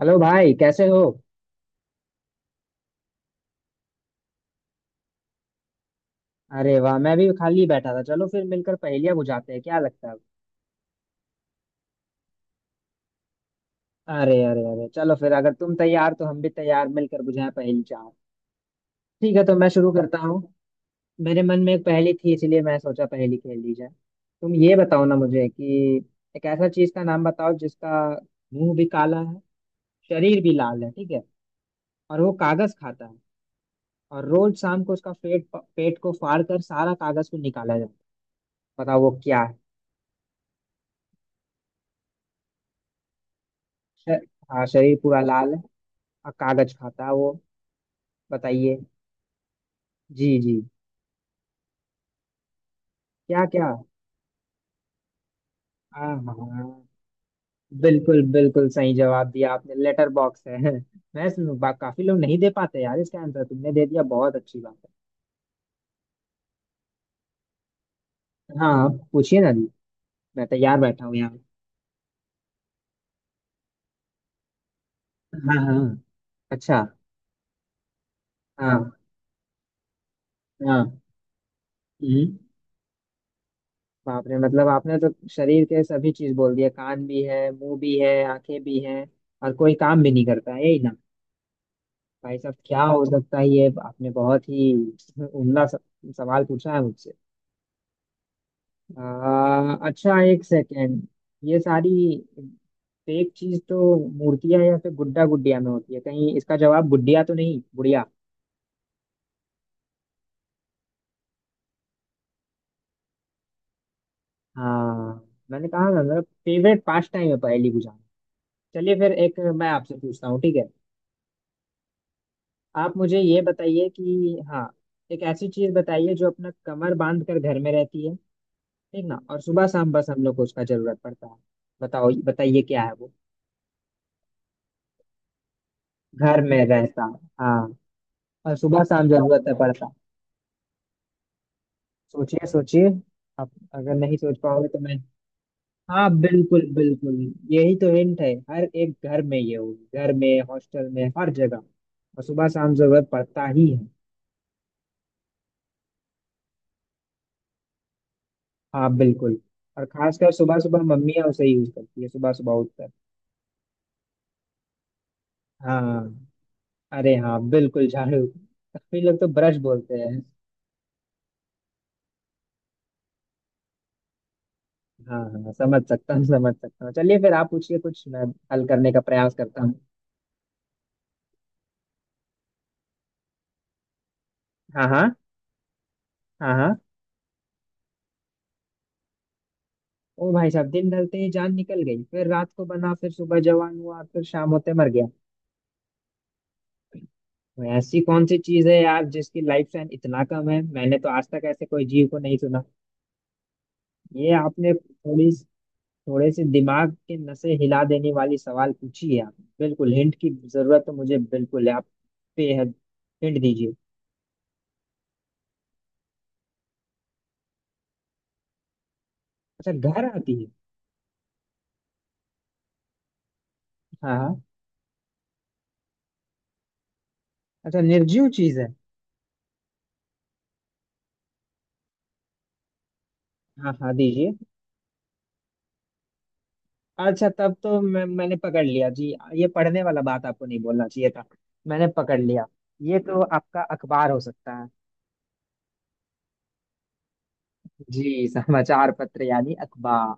Hello भाई, कैसे हो। अरे वाह, मैं भी खाली बैठा था। चलो फिर मिलकर पहेलियां बुझाते हैं, क्या लगता है। अरे अरे अरे, चलो फिर। अगर तुम तैयार तो हम भी तैयार। मिलकर बुझाएं पहेली चार। ठीक है, तो मैं शुरू करता हूँ। मेरे मन में एक पहेली थी, इसलिए मैं सोचा पहेली खेल ली जाए। तुम ये बताओ ना मुझे कि एक ऐसा चीज का नाम बताओ जिसका मुंह भी काला है, शरीर भी लाल है, ठीक है। और वो कागज खाता है, और रोज शाम को उसका पेट पेट को फाड़ कर सारा कागज को निकाला जाता है। बताओ वो क्या है। श- हाँ, शरीर पूरा लाल है। कागज खाता है वो। बताइए। जी जी। क्या क्या। हाँ हाँ। बिल्कुल बिल्कुल सही जवाब दिया आपने, लेटर बॉक्स है। मैं काफी लोग नहीं दे पाते यार इसका आंसर, तुमने दे दिया, बहुत अच्छी बात है। हाँ आप पूछिए ना जी। मैं तैयार बैठा हूँ यहाँ। हाँ हाँ। अच्छा। हाँ। हाँ। हम्म। बाप रे, मतलब आपने तो शरीर के सभी चीज बोल दिए। कान भी है, मुंह भी है, आंखें भी हैं। और कोई काम भी नहीं करता है, यही ना। भाई साहब क्या हो सकता है ये, आपने बहुत ही उम्दा सवाल पूछा है मुझसे। अच्छा, एक सेकेंड। ये सारी फेक चीज तो मूर्तियां या फिर गुड्डा गुडिया में होती है, कहीं इसका जवाब गुडिया तो नहीं, गुड़िया। हाँ, मैंने कहा ना, मेरा फेवरेट पास्ट टाइम है पहेली बुझाना। चलिए फिर एक मैं आपसे पूछता हूँ, ठीक है। आप मुझे ये बताइए कि हाँ, एक ऐसी चीज बताइए जो अपना कमर बांध कर घर में रहती है, ठीक ना। और सुबह शाम बस हम लोग को उसका जरूरत पड़ता है। बताओ बताइए क्या है वो। घर में रहता, हाँ। और सुबह शाम जरूरत है पड़ता। सोचिए सोचिए। आप अगर नहीं सोच पाओगे तो मैं। हाँ बिल्कुल बिल्कुल, यही तो हिंट है। हर एक घर में ये होगी, घर में, हॉस्टल में, हर जगह। और सुबह शाम जरूरत पड़ता ही है। हाँ बिल्कुल। और खासकर सुबह सुबह मम्मियाँ उसे यूज करती है, सुबह सुबह उठकर। हाँ। अरे हाँ बिल्कुल, झाड़ू। काफी लोग तो ब्रश बोलते हैं। हाँ हाँ हाँ, समझ सकता हूँ समझ सकता हूँ। चलिए फिर आप पूछिए कुछ, मैं हल करने का प्रयास करता हूँ। हाँ हाँ। हाँ हाँ। ओ भाई साहब, दिन ढलते ही जान निकल गई, फिर रात को बना, फिर सुबह जवान हुआ, फिर शाम होते मर गया। तो ऐसी कौन सी चीज है यार जिसकी लाइफ स्पैन इतना कम है। मैंने तो आज तक ऐसे कोई जीव को नहीं सुना। ये आपने थोड़ी थोड़े से दिमाग के नसें हिला देने वाली सवाल पूछी है आपने। बिल्कुल हिंट की जरूरत तो मुझे बिल्कुल है। आप बेहद हिंट दीजिए। अच्छा, घर आती है। हाँ हाँ। अच्छा, निर्जीव चीज है। हाँ हाँ दीजिए। अच्छा तब तो मैंने पकड़ लिया जी। ये पढ़ने वाला बात आपको नहीं बोलना चाहिए था। मैंने पकड़ लिया। ये तो आपका अखबार हो सकता है। जी, समाचार पत्र यानी अखबार,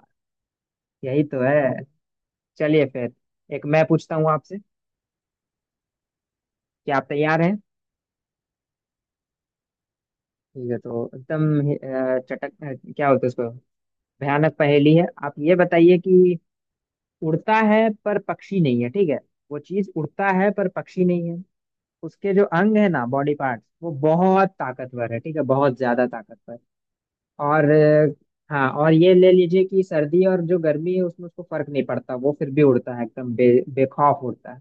यही तो है। चलिए फिर एक मैं पूछता हूँ आपसे। क्या आप तैयार हैं। ठीक है, तो एकदम चटक, क्या बोलते हैं उसको, भयानक पहेली है। आप ये बताइए कि उड़ता है पर पक्षी नहीं है, ठीक है। वो चीज उड़ता है पर पक्षी नहीं है। उसके जो अंग है ना, बॉडी पार्ट्स, वो बहुत ताकतवर है, ठीक है, बहुत ज्यादा ताकतवर। और हाँ, और ये ले लीजिए कि सर्दी और जो गर्मी है उसमें उसको फर्क नहीं पड़ता, वो फिर भी उड़ता है एकदम बेखौफ उड़ता है।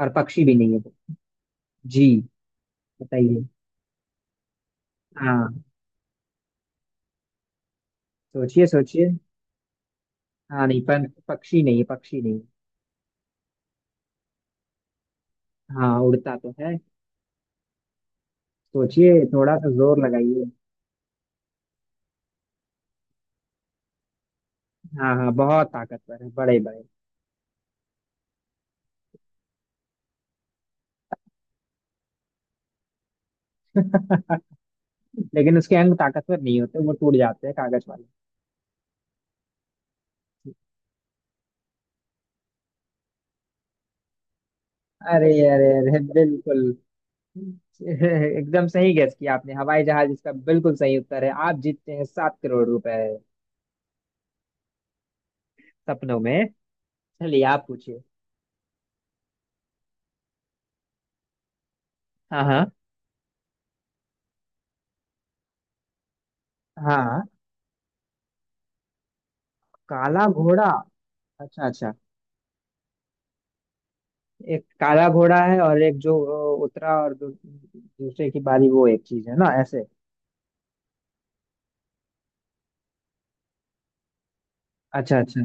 और पक्षी भी नहीं है वो। जी बताइए। हाँ सोचिए सोचिए। हाँ नहीं, पर पक्षी नहीं है, पक्षी नहीं है। हाँ उड़ता तो है। सोचिए, थोड़ा सा जोर लगाइए। हाँ हाँ बहुत ताकतवर है, बड़े बड़े। लेकिन उसके अंग ताकतवर नहीं होते, वो टूट जाते हैं कागज वाले। अरे अरे अरे बिल्कुल। एकदम सही गेस किया आपने, हवाई जहाज इसका बिल्कुल सही उत्तर है। आप जीतते हैं 7 करोड़ रुपए, सपनों में। चलिए आप पूछिए। हाँ हाँ हाँ। काला घोड़ा। अच्छा अच्छा। एक काला घोड़ा है, और एक जो उतरा और दूसरे की बारी, वो एक चीज है ना ऐसे। अच्छा अच्छा।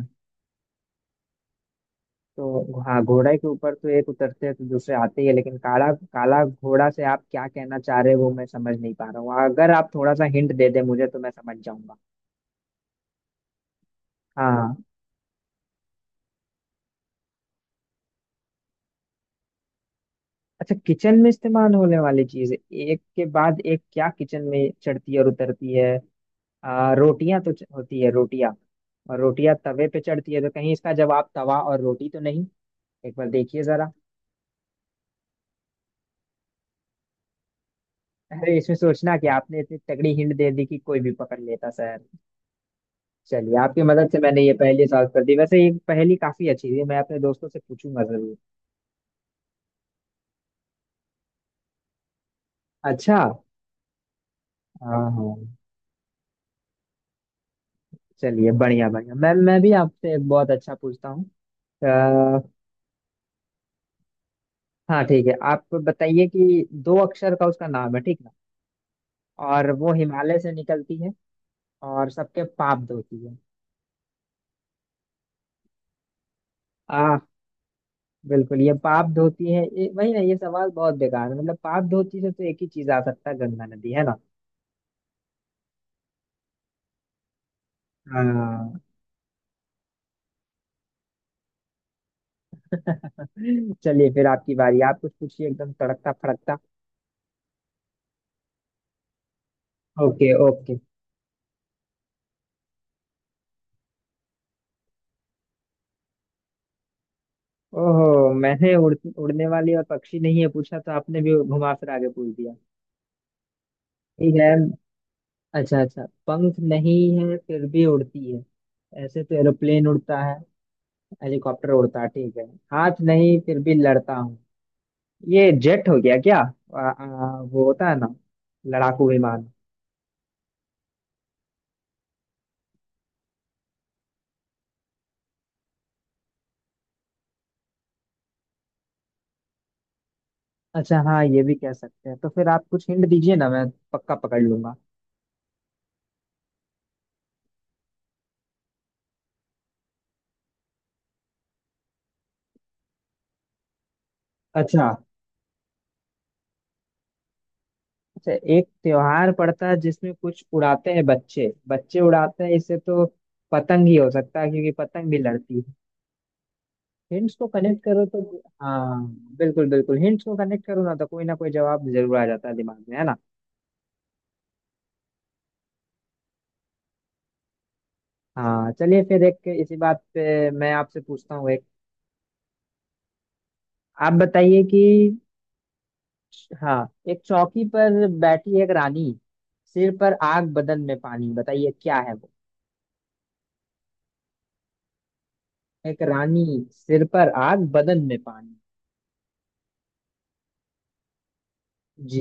तो हाँ, घोड़े के ऊपर तो एक उतरते हैं तो दूसरे आते ही है। लेकिन काला काला घोड़ा से आप क्या कहना चाह रहे हो वो मैं समझ नहीं पा रहा हूँ, अगर आप थोड़ा सा हिंट दे दे मुझे तो मैं समझ। हाँ। अच्छा, किचन में इस्तेमाल होने वाली चीज, एक के बाद एक क्या किचन में चढ़ती है और उतरती है। रोटियां तो होती है रोटियां। और रोटियां तवे पे चढ़ती है, तो कहीं इसका जवाब तवा और रोटी तो नहीं। एक बार देखिए जरा। अरे इसमें सोचना, कि आपने इतनी तगड़ी हिंट दे दी कि कोई भी पकड़ लेता सर। चलिए, आपकी मदद से मैंने ये पहेली सॉल्व कर दी। वैसे ये पहेली काफी अच्छी थी, मैं अपने दोस्तों से पूछूंगा जरूर। अच्छा। हाँ हाँ। चलिए बढ़िया बढ़िया, मैं भी आपसे एक बहुत अच्छा पूछता हूँ। हाँ ठीक है, आप बताइए कि 2 अक्षर का उसका नाम है, ठीक ना। और वो हिमालय से निकलती है, और सबके पाप धोती है। आ। बिल्कुल, ये पाप धोती है ये वही ना। ये सवाल बहुत बेकार है, मतलब पाप धोती से तो एक ही चीज आ सकता है, गंगा नदी, है ना। हाँ। चलिए फिर आपकी बारी, आप कुछ पूछिए एकदम तड़कता फड़कता। Okay okay. ओहो, मैंने उड़ने वाली और पक्षी नहीं है पूछा, तो आपने भी घुमा फिरा के पूछ दिया। ठीक है। अच्छा अच्छा, पंख नहीं है फिर भी उड़ती है। ऐसे तो एरोप्लेन उड़ता है, हेलीकॉप्टर उड़ता है, ठीक है। हाथ नहीं फिर भी लड़ता हूँ, ये जेट हो गया क्या। आ, आ, वो होता है ना, लड़ाकू विमान। अच्छा हाँ, ये भी कह सकते हैं, तो फिर आप कुछ हिंट दीजिए ना, मैं पक्का पकड़ लूंगा। अच्छा अच्छा, एक त्योहार पड़ता है जिसमें कुछ उड़ाते हैं, बच्चे बच्चे उड़ाते हैं, इससे तो पतंग ही हो सकता है क्योंकि पतंग भी लड़ती है। हिंट्स को कनेक्ट करो तो। हाँ बिल्कुल बिल्कुल, हिंट्स को कनेक्ट करो ना तो कोई ना कोई जवाब जरूर आ जाता है दिमाग में, है ना। हाँ चलिए फिर एक इसी बात पे मैं आपसे पूछता हूँ एक। आप बताइए कि हाँ, एक चौकी पर बैठी एक रानी, सिर पर आग बदन में पानी, बताइए क्या है वो। एक रानी, सिर पर आग बदन में पानी। जी।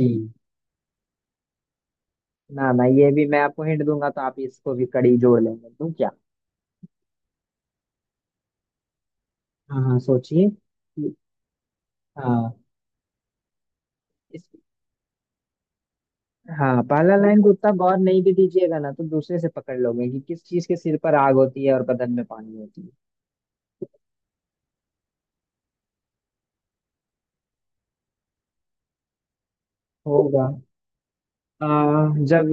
ना ना, ये भी मैं आपको हिंट दूंगा तो आप इसको भी कड़ी जोड़ लेंगे, दूं क्या। हाँ हाँ सोचिए हाँ हाँ, पहला लाइन को उतना गौर नहीं भी दीजिएगा ना, तो दूसरे से पकड़ लोगे कि किस चीज के सिर पर आग होती है और बदन में पानी होती है। होगा। आ, जब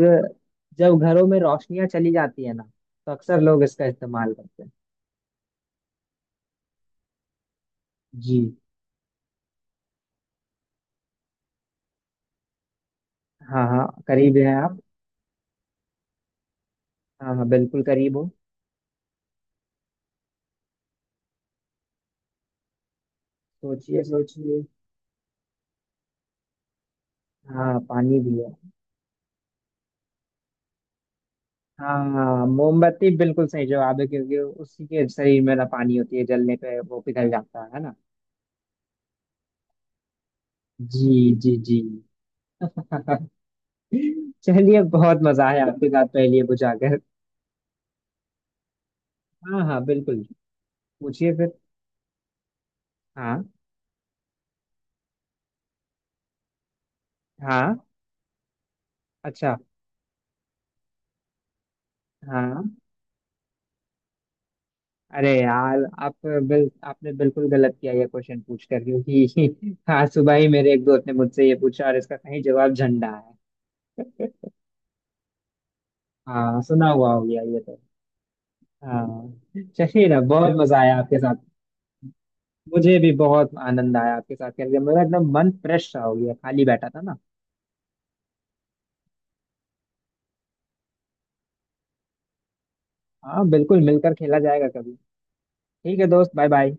जब घरों में रोशनियां चली जाती है ना, तो अक्सर लोग इसका इस्तेमाल करते हैं। जी। हाँ हाँ करीब हैं आप। हाँ हाँ बिल्कुल करीब हो। सोचिए सोचिए। हाँ पानी भी है। हाँ मोमबत्ती बिल्कुल सही जवाब है, क्योंकि उसी के शरीर में ना पानी होती है, जलने पे वो पिघल जाता है ना। जी। जी जी। चलिए, बहुत मजा आया आपके साथ पहेलियां बुझाकर। हाँ हाँ बिल्कुल, पूछिए फिर। हाँ। हाँ। अच्छा। हाँ। अरे यार आप, बिल आपने बिल्कुल गलत किया ये क्वेश्चन पूछ कर, क्योंकि आज सुबह ही मेरे एक दोस्त ने मुझसे ये पूछा, और इसका सही जवाब झंडा है। हाँ सुना हुआ हो गया ये तो। हाँ चलिए ना, बहुत मजा आया आपके साथ। मुझे भी बहुत आनंद आया आपके साथ खेल के, मेरा एकदम मन फ्रेश सा हो गया, खाली बैठा था ना। हाँ बिल्कुल, मिलकर खेला जाएगा कभी। ठीक है दोस्त, बाय बाय।